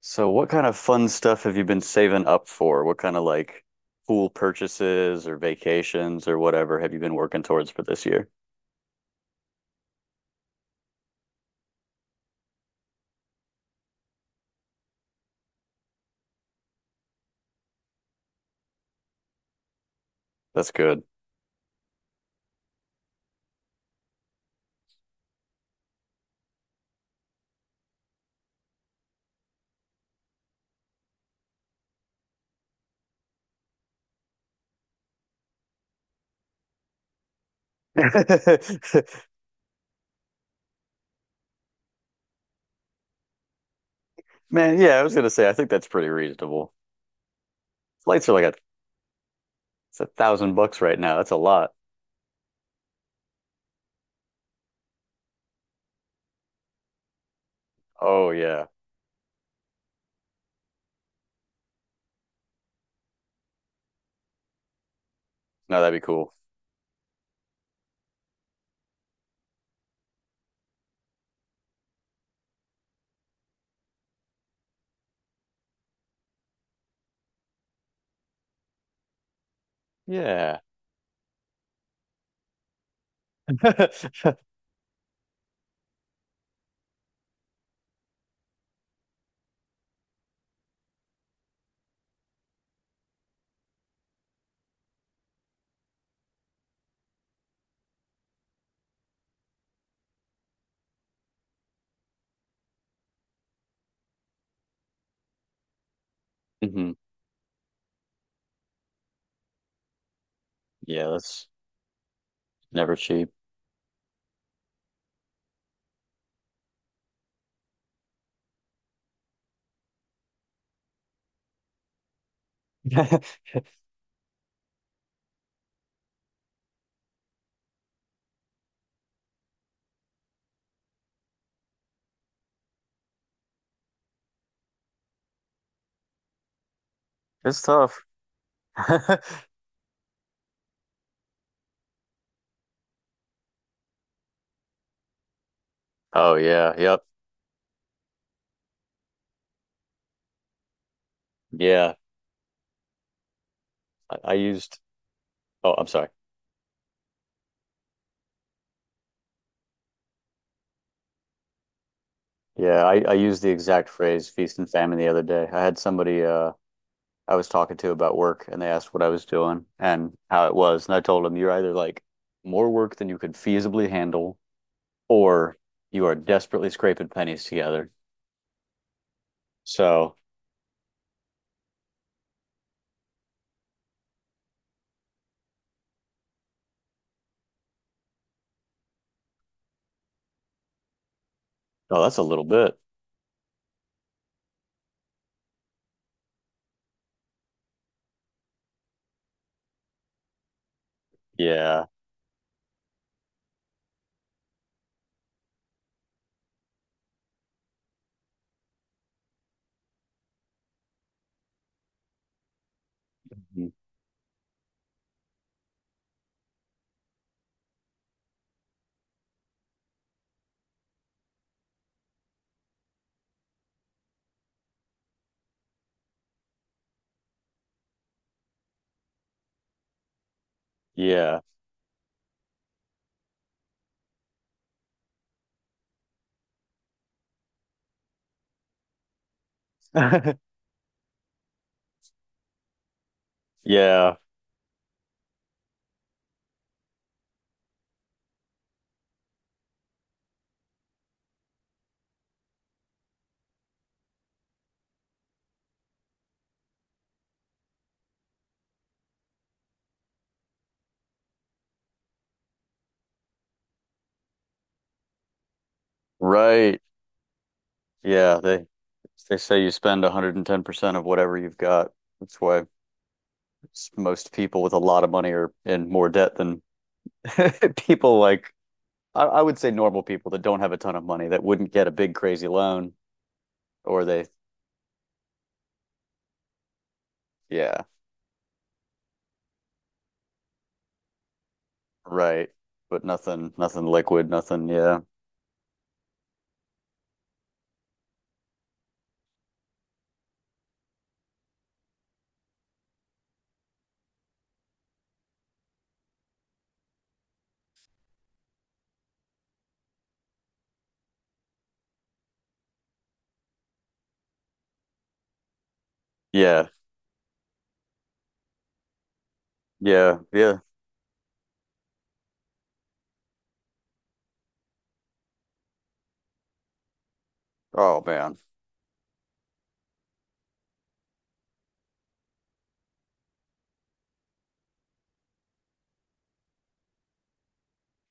So what kind of fun stuff have you been saving up for? What kind of like cool purchases or vacations or whatever have you been working towards for this year? That's good. Man, yeah, I was gonna say I think that's pretty reasonable. Flights are like a it's $1,000 right now. That's a lot. Oh yeah. No, that'd be cool. Yeah. hmm Yeah, that's never cheap. It's tough. Oh yeah, yep. Yeah. I used oh, I'm sorry. Yeah, I used the exact phrase feast and famine the other day. I had somebody I was talking to about work, and they asked what I was doing and how it was. And I told them you're either like more work than you could feasibly handle, or you are desperately scraping pennies together. So, oh, that's a little bit. Yeah. Mhm. Yeah. Yeah. Right. Yeah, they say you spend 110% of whatever you've got. That's why most people with a lot of money are in more debt than people like I would say normal people that don't have a ton of money that wouldn't get a big crazy loan or they, yeah, right, but nothing liquid, nothing. Yeah, yeah, yeah, yeah. Oh man.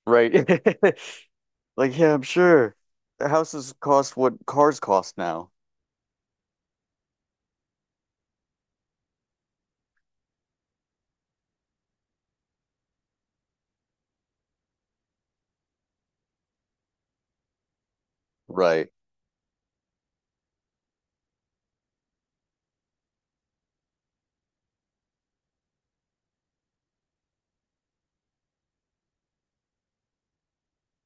Right. Like, yeah, I'm sure houses cost what cars cost now. Right.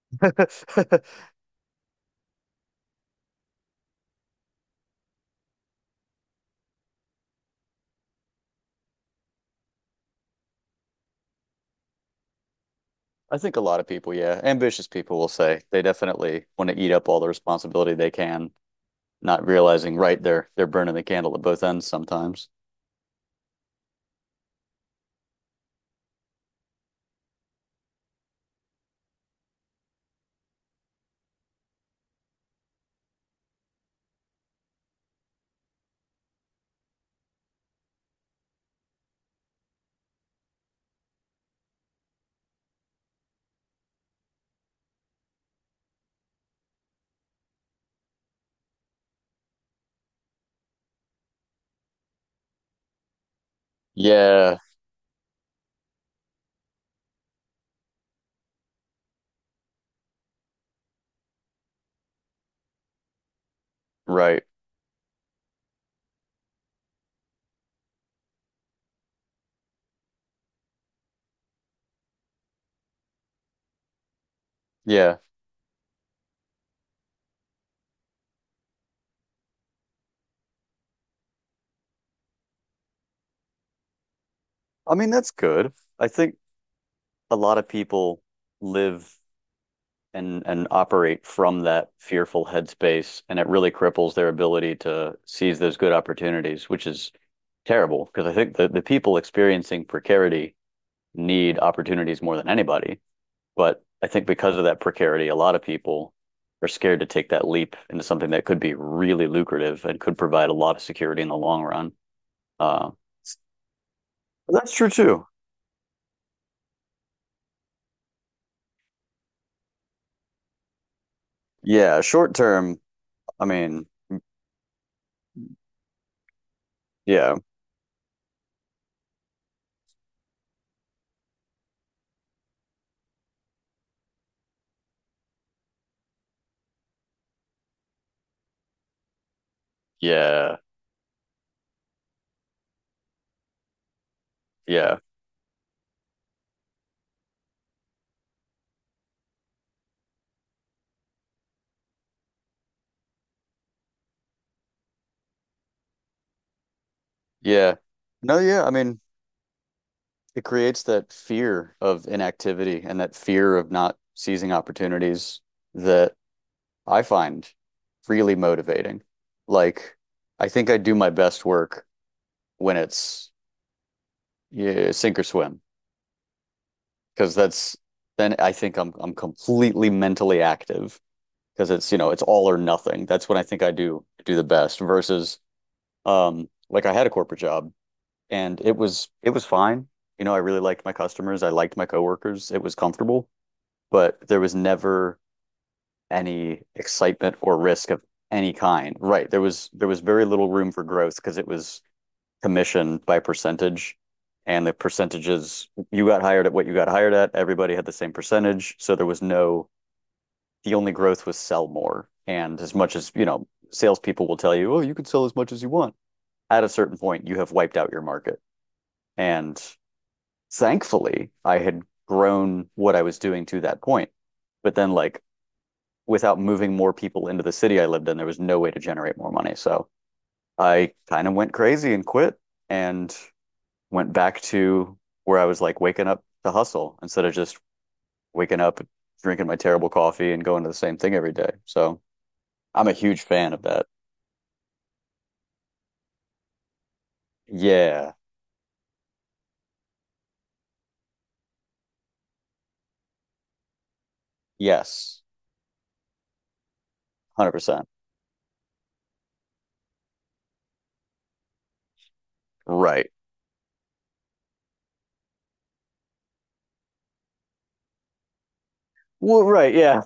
I think a lot of people, yeah, ambitious people will say they definitely want to eat up all the responsibility they can, not realizing, right, they're burning the candle at both ends sometimes. Yeah. Right. Yeah. I mean, that's good. I think a lot of people live and operate from that fearful headspace, and it really cripples their ability to seize those good opportunities, which is terrible because I think the people experiencing precarity need opportunities more than anybody. But I think because of that precarity, a lot of people are scared to take that leap into something that could be really lucrative and could provide a lot of security in the long run. Uh, that's true too. Yeah, short term, I mean, yeah, yeah, yeah, yeah. No, yeah. I mean, it creates that fear of inactivity and that fear of not seizing opportunities that I find really motivating. Like, I think I do my best work when it's, yeah, sink or swim, because that's then I think I'm completely mentally active because it's, you know, it's all or nothing. That's when I think I do do the best versus, um, like I had a corporate job, and it was fine. You know, I really liked my customers. I liked my coworkers. It was comfortable, but there was never any excitement or risk of any kind. Right. There was very little room for growth because it was commission by percentage. And the percentages you got hired at what you got hired at, everybody had the same percentage. So there was no, the only growth was sell more. And as much as, you know, salespeople will tell you, oh, you can sell as much as you want. At a certain point, you have wiped out your market. And thankfully, I had grown what I was doing to that point. But then, like, without moving more people into the city I lived in, there was no way to generate more money. So I kind of went crazy and quit and went back to where I was like waking up to hustle instead of just waking up, drinking my terrible coffee and going to the same thing every day. So I'm a huge fan of that. Yeah. Yes. 100%. Right. Well, right. Yeah.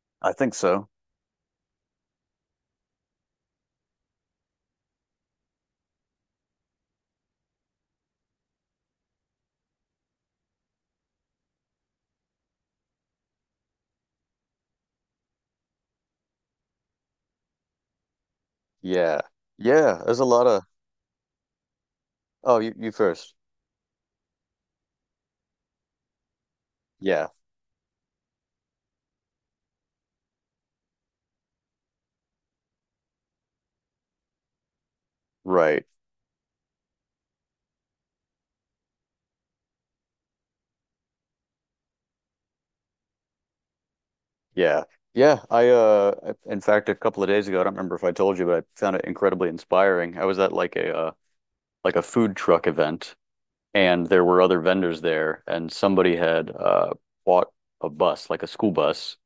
I think so. Yeah. Yeah. There's a lot of, oh, you first. Yeah, right. Yeah. Yeah, I, in fact a couple of days ago, I don't remember if I told you, but I found it incredibly inspiring. I was at like a food truck event, and there were other vendors there, and somebody had bought a bus, like a school bus,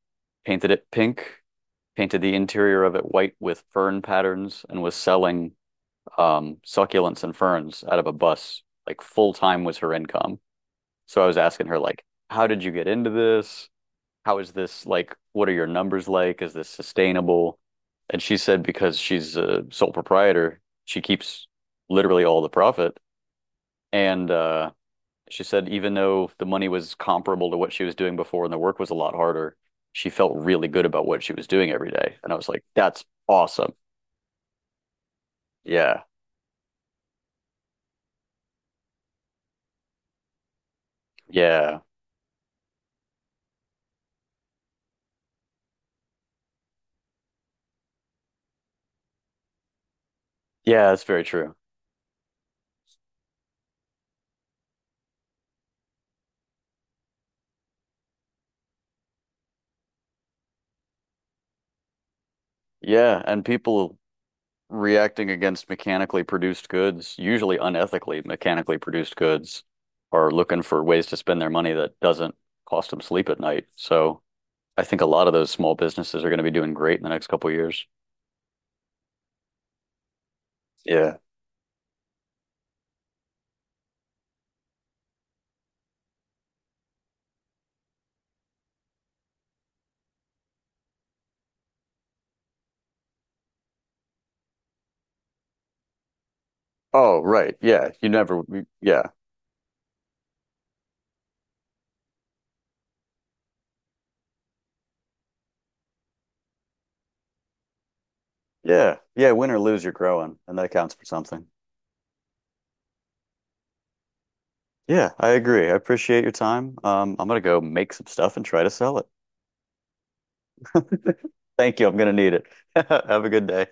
painted it pink, painted the interior of it white with fern patterns, and was selling succulents and ferns out of a bus. Like full time was her income. So I was asking her like, how did you get into this? How is this like, what are your numbers like? Is this sustainable? And she said because she's a sole proprietor, she keeps literally all the profit. And she said even though the money was comparable to what she was doing before and the work was a lot harder, she felt really good about what she was doing every day. And I was like, that's awesome. Yeah. Yeah. Yeah, that's very true. Yeah, and people reacting against mechanically produced goods, usually unethically mechanically produced goods, are looking for ways to spend their money that doesn't cost them sleep at night. So I think a lot of those small businesses are going to be doing great in the next couple of years. Yeah. Oh, right. Yeah. You never, yeah. Yeah. Yeah. Win or lose, you're growing, and that counts for something. Yeah, I agree. I appreciate your time. I'm going to go make some stuff and try to sell it. Thank you. I'm going to need it. Have a good day.